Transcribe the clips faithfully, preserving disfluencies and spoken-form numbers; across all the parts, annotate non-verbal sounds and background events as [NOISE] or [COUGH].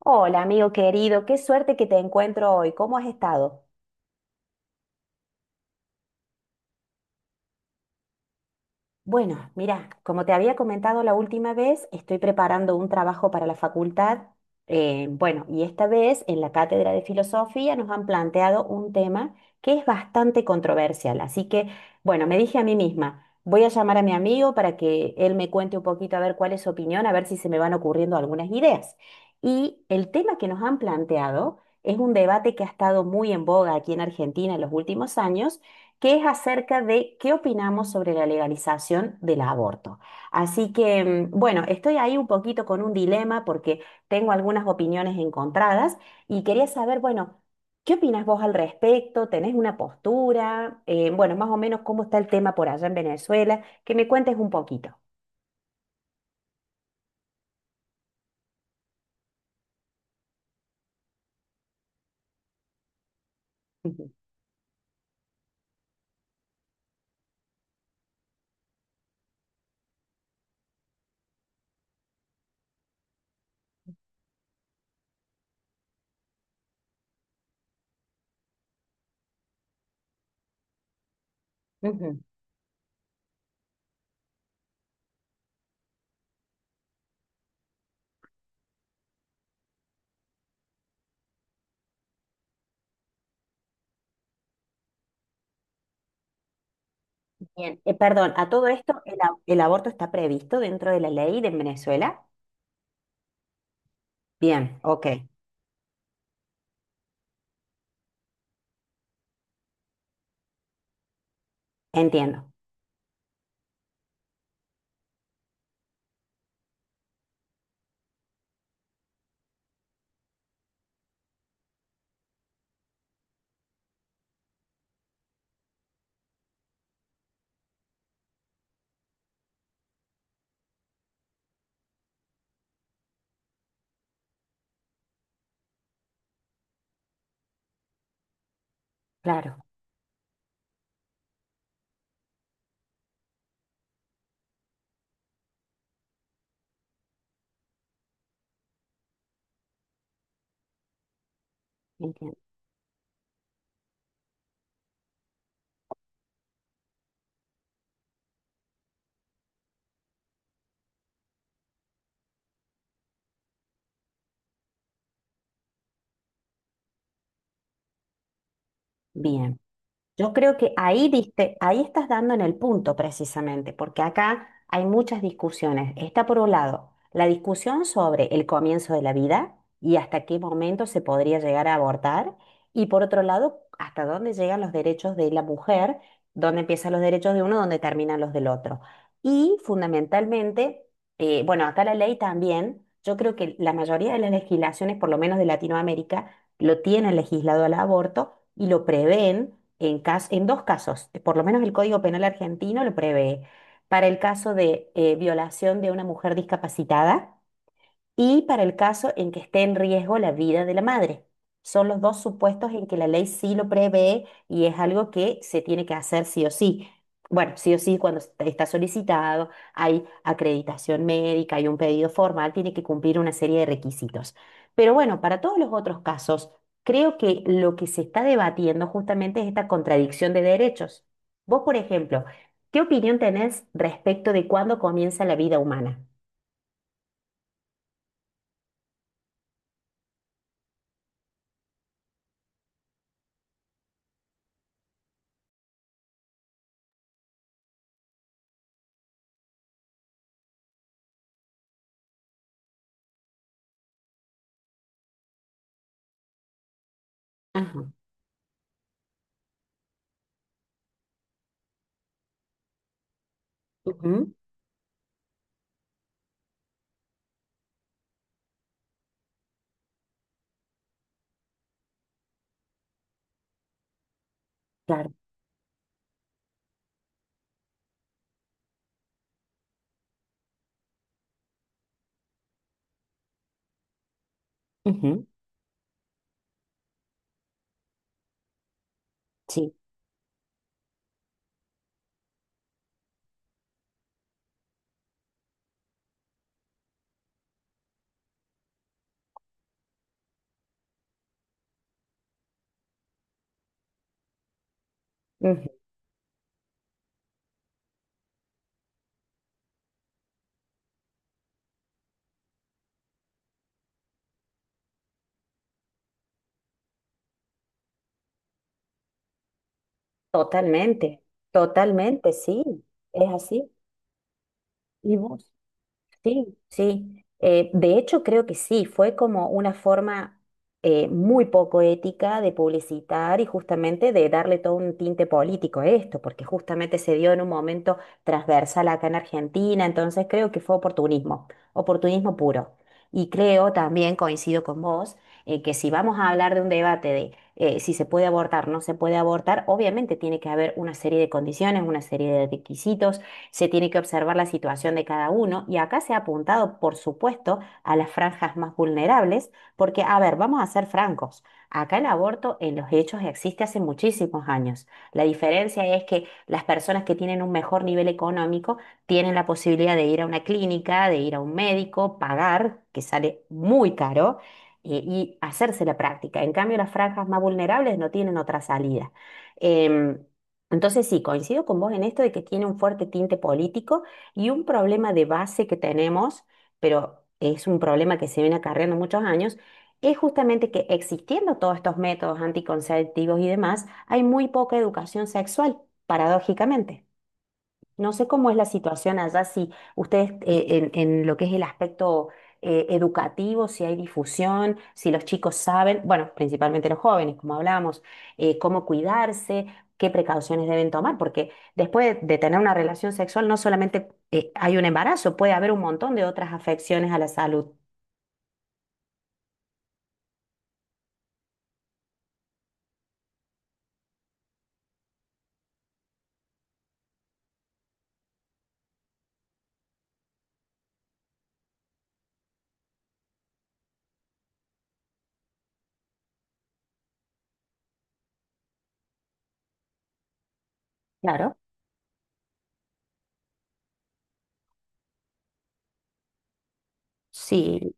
Hola, amigo querido, qué suerte que te encuentro hoy. ¿Cómo has estado? Bueno, mira, como te había comentado la última vez, estoy preparando un trabajo para la facultad. eh, bueno, y esta vez en la cátedra de filosofía nos han planteado un tema que es bastante controversial. Así que, bueno, me dije a mí misma, voy a llamar a mi amigo para que él me cuente un poquito a ver cuál es su opinión, a ver si se me van ocurriendo algunas ideas. Y el tema que nos han planteado es un debate que ha estado muy en boga aquí en Argentina en los últimos años, que es acerca de qué opinamos sobre la legalización del aborto. Así que, mm, bueno, estoy ahí un poquito con un dilema porque tengo algunas opiniones encontradas y quería saber, bueno, ¿qué opinas vos al respecto? ¿Tenés una postura? Eh, bueno, más o menos cómo está el tema por allá en Venezuela, que me cuentes un poquito. Ujú, ujú. Bien. Eh, perdón, a todo esto, el, a- ¿el aborto está previsto dentro de la ley de Venezuela? Bien, ok, entiendo, claro, entiendo. Bien. Yo creo que ahí diste, ahí estás dando en el punto precisamente, porque acá hay muchas discusiones. Está por un lado la discusión sobre el comienzo de la vida y hasta qué momento se podría llegar a abortar, y por otro lado, hasta dónde llegan los derechos de la mujer, dónde empiezan los derechos de uno, dónde terminan los del otro. Y fundamentalmente, eh, bueno, acá la ley también, yo creo que la mayoría de las legislaciones, por lo menos de Latinoamérica, lo tienen legislado al aborto y lo prevén en, cas- en dos casos. eh, Por lo menos el Código Penal argentino lo prevé para el caso de eh, violación de una mujer discapacitada, y para el caso en que esté en riesgo la vida de la madre. Son los dos supuestos en que la ley sí lo prevé y es algo que se tiene que hacer sí o sí. Bueno, sí o sí, cuando est- está solicitado, hay acreditación médica, hay un pedido formal, tiene que cumplir una serie de requisitos. Pero bueno, para todos los otros casos, creo que lo que se está debatiendo justamente es esta contradicción de derechos. Vos, por ejemplo, ¿qué opinión tenés respecto de cuándo comienza la vida humana? Ajá. Ujú. Claro. Ujú, sí, ujú, totalmente, totalmente, sí, es así. ¿Y vos? Sí, sí. Eh, de hecho, creo que sí, fue como una forma eh, muy poco ética de publicitar y justamente de darle todo un tinte político a esto, porque justamente se dio en un momento transversal acá en Argentina, entonces creo que fue oportunismo, oportunismo puro. Y creo también, coincido con vos, eh, que si vamos a hablar de un debate de eh, si se puede abortar, no se puede abortar, obviamente tiene que haber una serie de condiciones, una serie de requisitos, se tiene que observar la situación de cada uno, y acá se ha apuntado, por supuesto, a las franjas más vulnerables, porque, a ver, vamos a ser francos, acá el aborto en los hechos existe hace muchísimos años. La diferencia es que las personas que tienen un mejor nivel económico tienen la posibilidad de ir a una clínica, de ir a un médico, pagar, que sale muy caro, eh, y hacerse la práctica. En cambio, las franjas más vulnerables no tienen otra salida. Em, entonces sí, coincido con vos en esto de que tiene un fuerte tinte político y un problema de base que tenemos, pero es un problema que se viene acarreando muchos años, es justamente que existiendo todos estos métodos anticonceptivos y demás, hay muy poca educación sexual, paradójicamente. No sé cómo es la situación allá, si ustedes eh, en, en lo que es el aspecto eh, educativo, si hay difusión, si los chicos saben, bueno, principalmente los jóvenes, como hablábamos, eh, cómo cuidarse, qué precauciones deben tomar, porque después de tener una relación sexual no solamente eh, hay un embarazo, puede haber un montón de otras afecciones a la salud. Claro. Sí,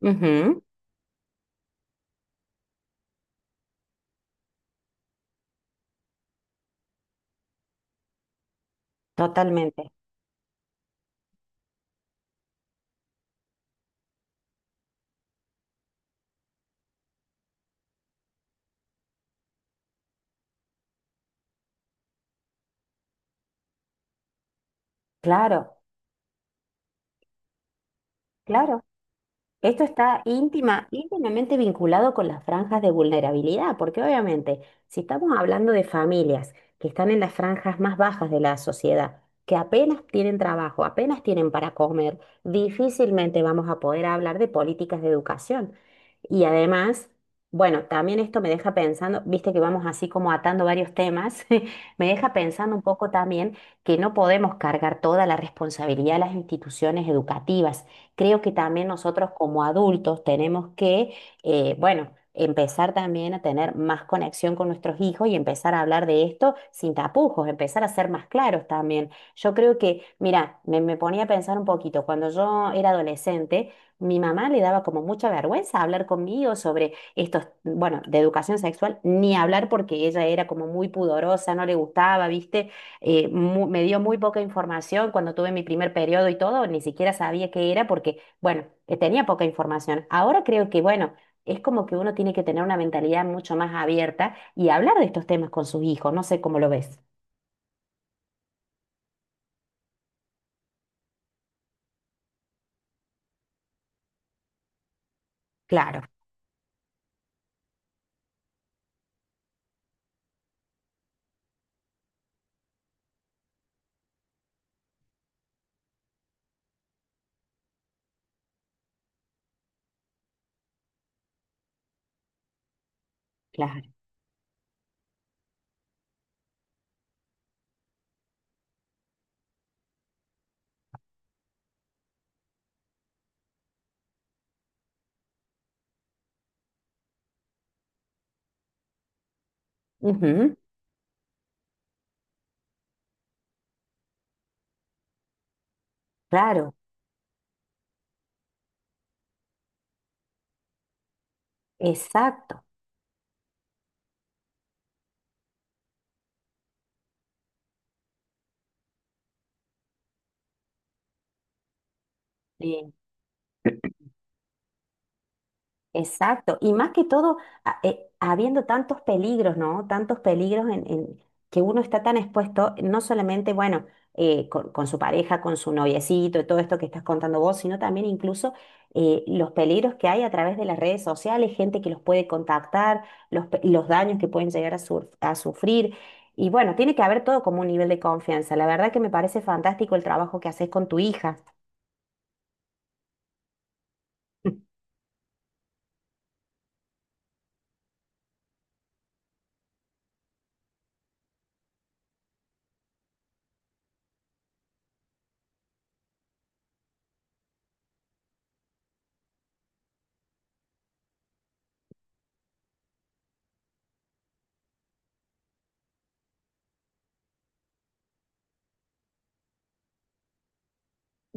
ujú, totalmente. Claro, claro. Esto está íntima, íntimamente vinculado con las franjas de vulnerabilidad, porque obviamente, si estamos hablando de familias que están en las franjas más bajas de la sociedad, que apenas tienen trabajo, apenas tienen para comer, difícilmente vamos a poder hablar de políticas de educación. Y además, bueno, también esto me deja pensando, viste que vamos así como atando varios temas, [LAUGHS] me deja pensando un poco también que no podemos cargar toda la responsabilidad a las instituciones educativas. Creo que también nosotros como adultos tenemos que, eh, bueno, empezar también a tener más conexión con nuestros hijos y empezar a hablar de esto sin tapujos, empezar a ser más claros también. Yo creo que, mira, me, me ponía a pensar un poquito, cuando yo era adolescente, mi mamá le daba como mucha vergüenza hablar conmigo sobre estos, bueno, de educación sexual, ni hablar porque ella era como muy pudorosa, no le gustaba, ¿viste? Eh, mu- me dio muy poca información cuando tuve mi primer periodo y todo, ni siquiera sabía qué era porque, bueno, eh, tenía poca información. Ahora creo que, bueno, es como que uno tiene que tener una mentalidad mucho más abierta y hablar de estos temas con sus hijos, no sé cómo lo ves. Claro, claro. Ujú, claro, exacto. Sí. Exacto, y más que todo, a- eh, habiendo tantos peligros, ¿no? Tantos peligros en, en que uno está tan expuesto, no solamente, bueno, eh, con, con su pareja, con su noviecito, y todo esto que estás contando vos, sino también incluso eh, los peligros que hay a través de las redes sociales, gente que los puede contactar, los, pe- los daños que pueden llegar a, sur- a sufrir. Y bueno, tiene que haber todo como un nivel de confianza. La verdad que me parece fantástico el trabajo que haces con tu hija. [LAUGHS]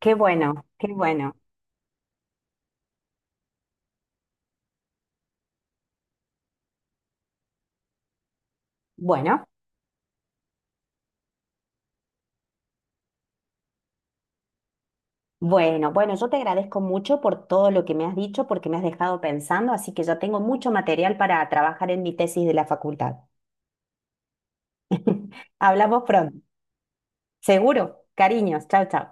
Qué bueno, qué bueno. Bueno. Bueno, bueno, yo te agradezco mucho por todo lo que me has dicho, porque me has dejado pensando, así que ya tengo mucho material para trabajar en mi tesis de la facultad. [LAUGHS] Hablamos pronto. Seguro. Cariños. Chao, chao.